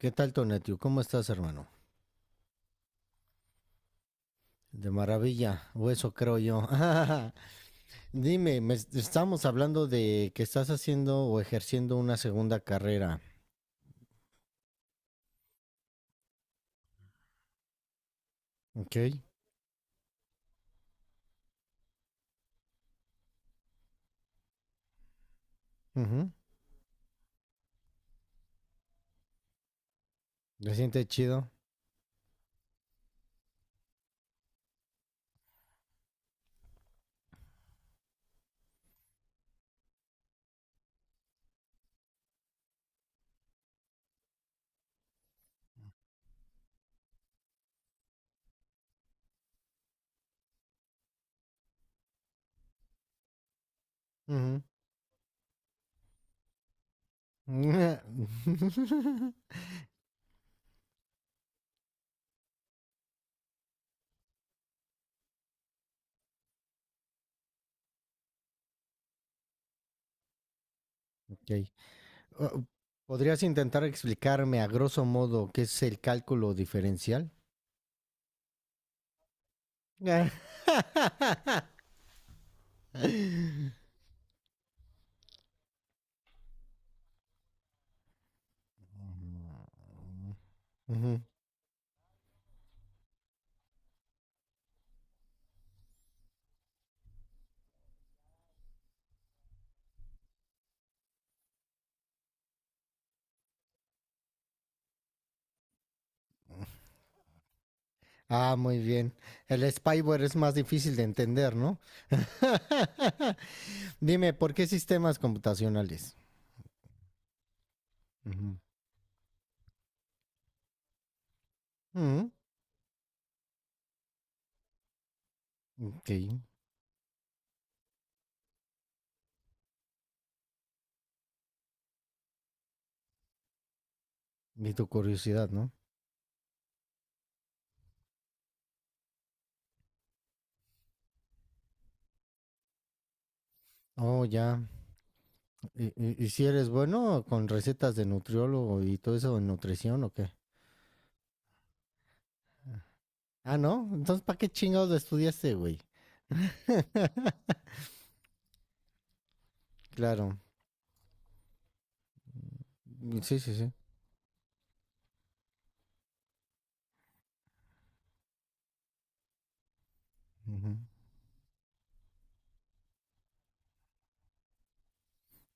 ¿Qué tal, Tonatiu? ¿Cómo estás, hermano? De maravilla, o eso creo yo. Dime, estamos hablando de que estás haciendo o ejerciendo una segunda carrera, ¿ok? Ujú. ¿Te sientes chido? Ujú. Ok. Uh, ¿Podrías intentar explicarme a grosso modo qué es el cálculo diferencial? Ujú. Ah, muy bien. El spyware es más difícil de entender, ¿no? Dime, ¿por qué sistemas computacionales? Ujú. Mm, ok, ni tu curiosidad, ¿no? Oh, ya. ¿Y, y si eres bueno con recetas de nutriólogo y todo eso de nutrición o qué? Ah, ¿no? Entonces, ¿para qué chingados estudiaste, güey? Claro. Mm, sí, sí, sí. Ujú.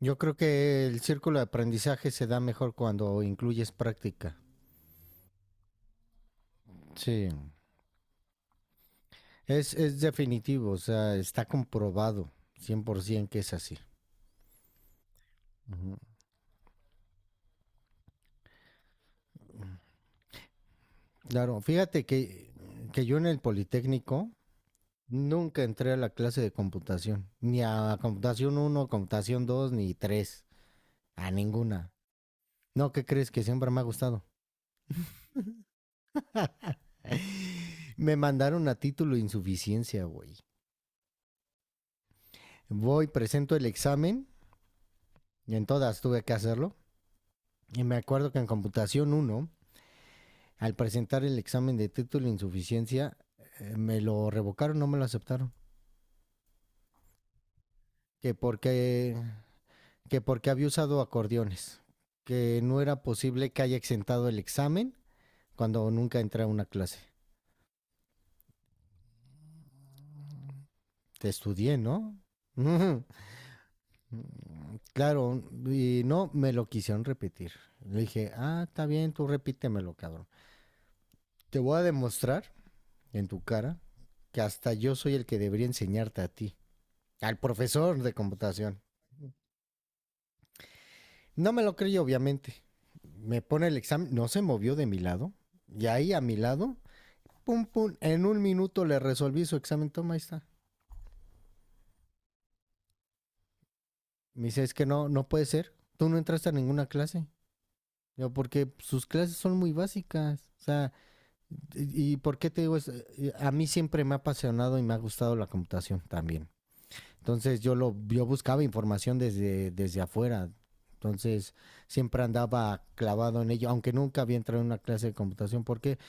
Yo creo que el círculo de aprendizaje se da mejor cuando incluyes práctica. Sí. Es definitivo, o sea, está comprobado 100% que es así. Ujú. Claro, fíjate que yo en el Politécnico nunca entré a la clase de computación, ni a computación uno computación 2 ni tres, a ninguna. No, ¿qué crees? Que siempre me ha gustado. Me mandaron a título de insuficiencia, güey. Voy, presento el examen, y en todas tuve que hacerlo. Y me acuerdo que en computación uno, al presentar el examen de título de insuficiencia, me lo revocaron, no me lo aceptaron. Que porque, que porque había usado acordeones, que no era posible que haya exentado el examen cuando nunca entré a una clase. Te estudié, ¿no? Claro, y no me lo quisieron repetir. Le dije, ah, está bien, tú repítemelo, cabrón. Te voy a demostrar en tu cara que hasta yo soy el que debería enseñarte a ti, al profesor de computación. No me lo creí, obviamente. Me pone el examen, no se movió de mi lado. Y ahí a mi lado, pum, pum, en 1 minuto le resolví su examen, toma, ahí está. Me dice, es que no, no puede ser. Tú no entraste a ninguna clase. Yo, porque sus clases son muy básicas. O sea, ¿y por qué te digo eso? A mí siempre me ha apasionado y me ha gustado la computación también. Entonces yo buscaba información desde afuera. Entonces siempre andaba clavado en ello, aunque nunca había entrado en una clase de computación. ¿Por qué?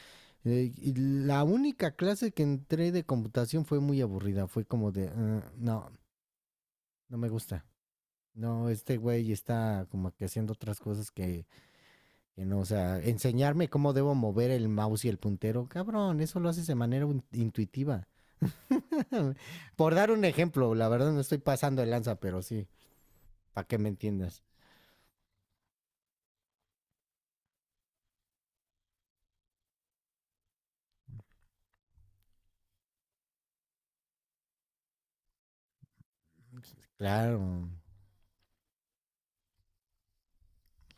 Y la única clase que entré de computación fue muy aburrida. Fue como de, "Ah, no, no me gusta. No, este güey está como que haciendo otras cosas que no. O sea, enseñarme cómo debo mover el mouse y el puntero. Cabrón, eso lo haces de manera intuitiva. Por dar un ejemplo, la verdad no estoy pasando de lanza, pero sí, para que me entiendas. Claro,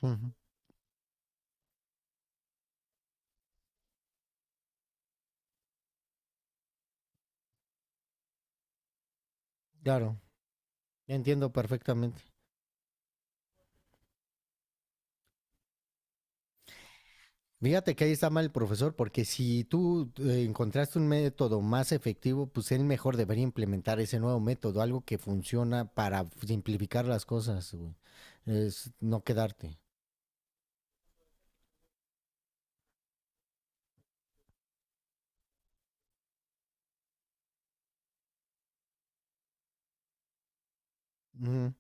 ujú, claro, entiendo perfectamente. Fíjate que ahí está mal el profesor, porque si tú encontraste un método más efectivo, pues él mejor debería implementar ese nuevo método, algo que funciona para simplificar las cosas, güey. Es no quedarte. Ujú.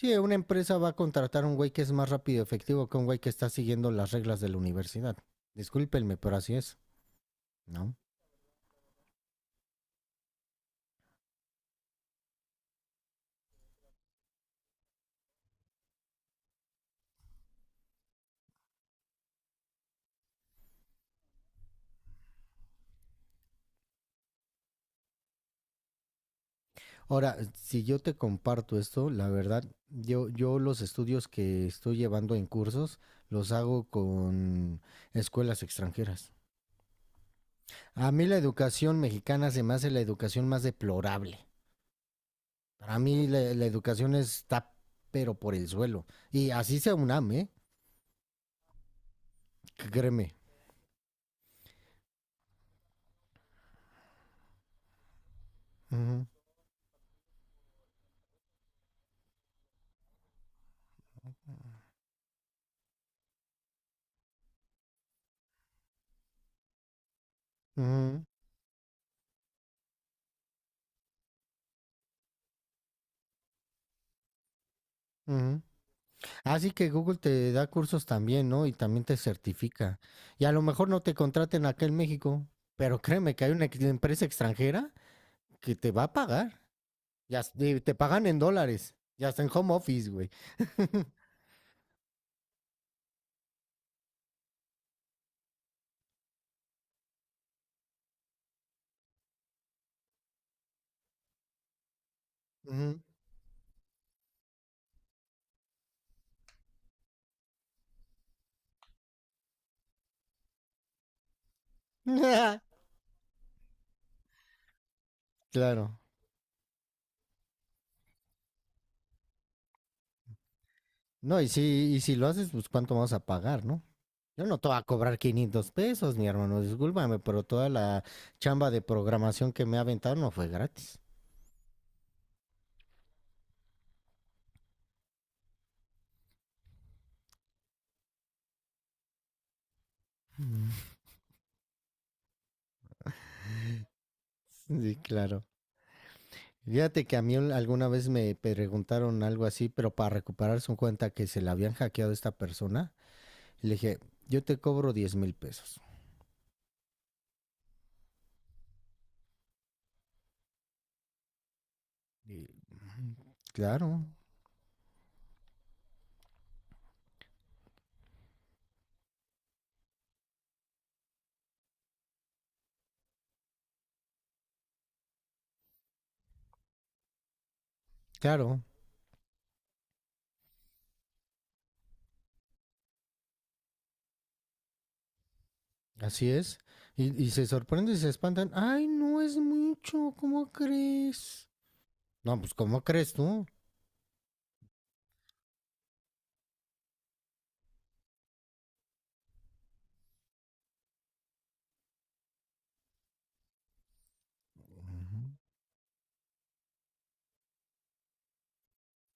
Sí, una empresa va a contratar a un güey que es más rápido y efectivo que un güey que está siguiendo las reglas de la universidad. Discúlpenme, pero así es, ¿no? Ahora, si yo te comparto esto, la verdad, yo los estudios que estoy llevando en cursos los hago con escuelas extranjeras. A mí la educación mexicana se me hace la educación más deplorable. Para mí la educación está pero por el suelo. Y así sea UNAM, ¿eh? Créeme. Ujú, ujú, ujú. Así que Google te da cursos también, ¿no? Y también te certifica. Y a lo mejor no te contraten acá en México, pero créeme que hay una empresa extranjera que te va a pagar. Ya te pagan en dólares. Ya está en home office, güey. Ujú. Claro. No, y si lo haces, pues cuánto vamos a pagar, ¿no? Yo no te voy a cobrar 500 pesos, mi hermano, discúlpame, pero toda la chamba de programación que me ha aventado no fue gratis. Sí, claro. Fíjate que a mí alguna vez me preguntaron algo así, pero para recuperar su cuenta que se la habían hackeado a esta persona, le dije, yo te cobro 10,000 pesos. Y, "Mm, claro, claro, así es. Y se sorprenden y se espantan. Ay, no es mucho, ¿cómo crees? No, pues ¿cómo crees tú? Ujú.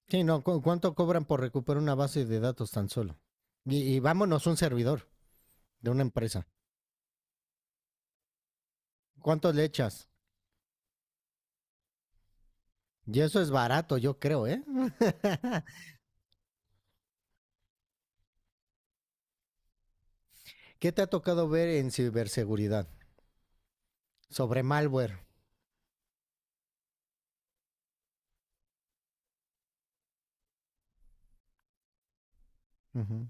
Sí, no, cuánto cobran por recuperar una base de datos tan solo? Y vámonos un servidor de una empresa. ¿Cuánto le echas? Y eso es barato, yo creo, ¿eh? ¿Qué te ha tocado ver en ciberseguridad? Sobre malware. Ujú,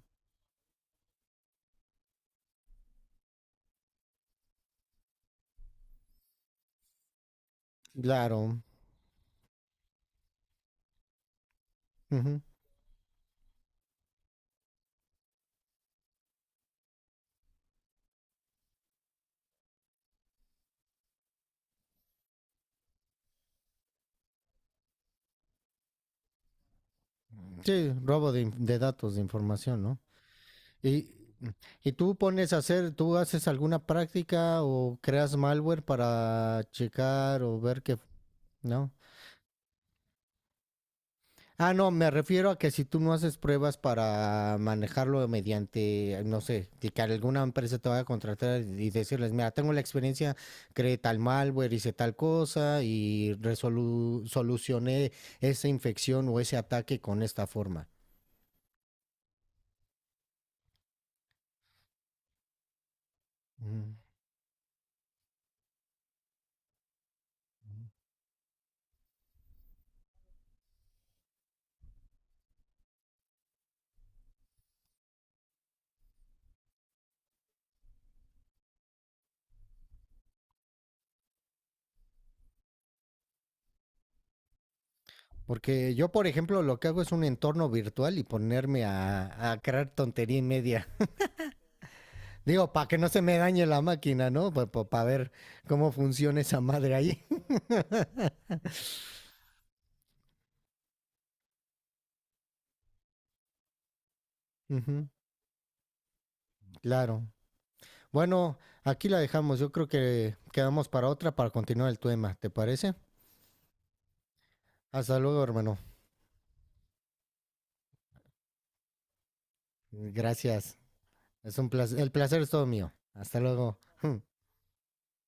claro. Ujú. Sí, robo de, de datos, de información, ¿no? ¿Y, y tú pones a hacer, tú haces alguna práctica o creas malware para checar o ver que, ¿no? Ah, no, me refiero a que si tú no haces pruebas para manejarlo mediante, no sé, de que alguna empresa te vaya a contratar y decirles, mira, tengo la experiencia, creé tal malware, hice tal cosa y solucioné esa infección o ese ataque con esta forma. Mm. Porque yo, por ejemplo, lo que hago es un entorno virtual y ponerme a crear tontería y media. Digo, para que no se me dañe la máquina, ¿no? Para ver cómo funciona esa madre ahí. Ujú, claro. Bueno, aquí la dejamos. Yo creo que quedamos para otra para continuar el tema. ¿Te parece? Hasta luego, hermano. Gracias. Es un placer. El placer es todo mío. Hasta luego.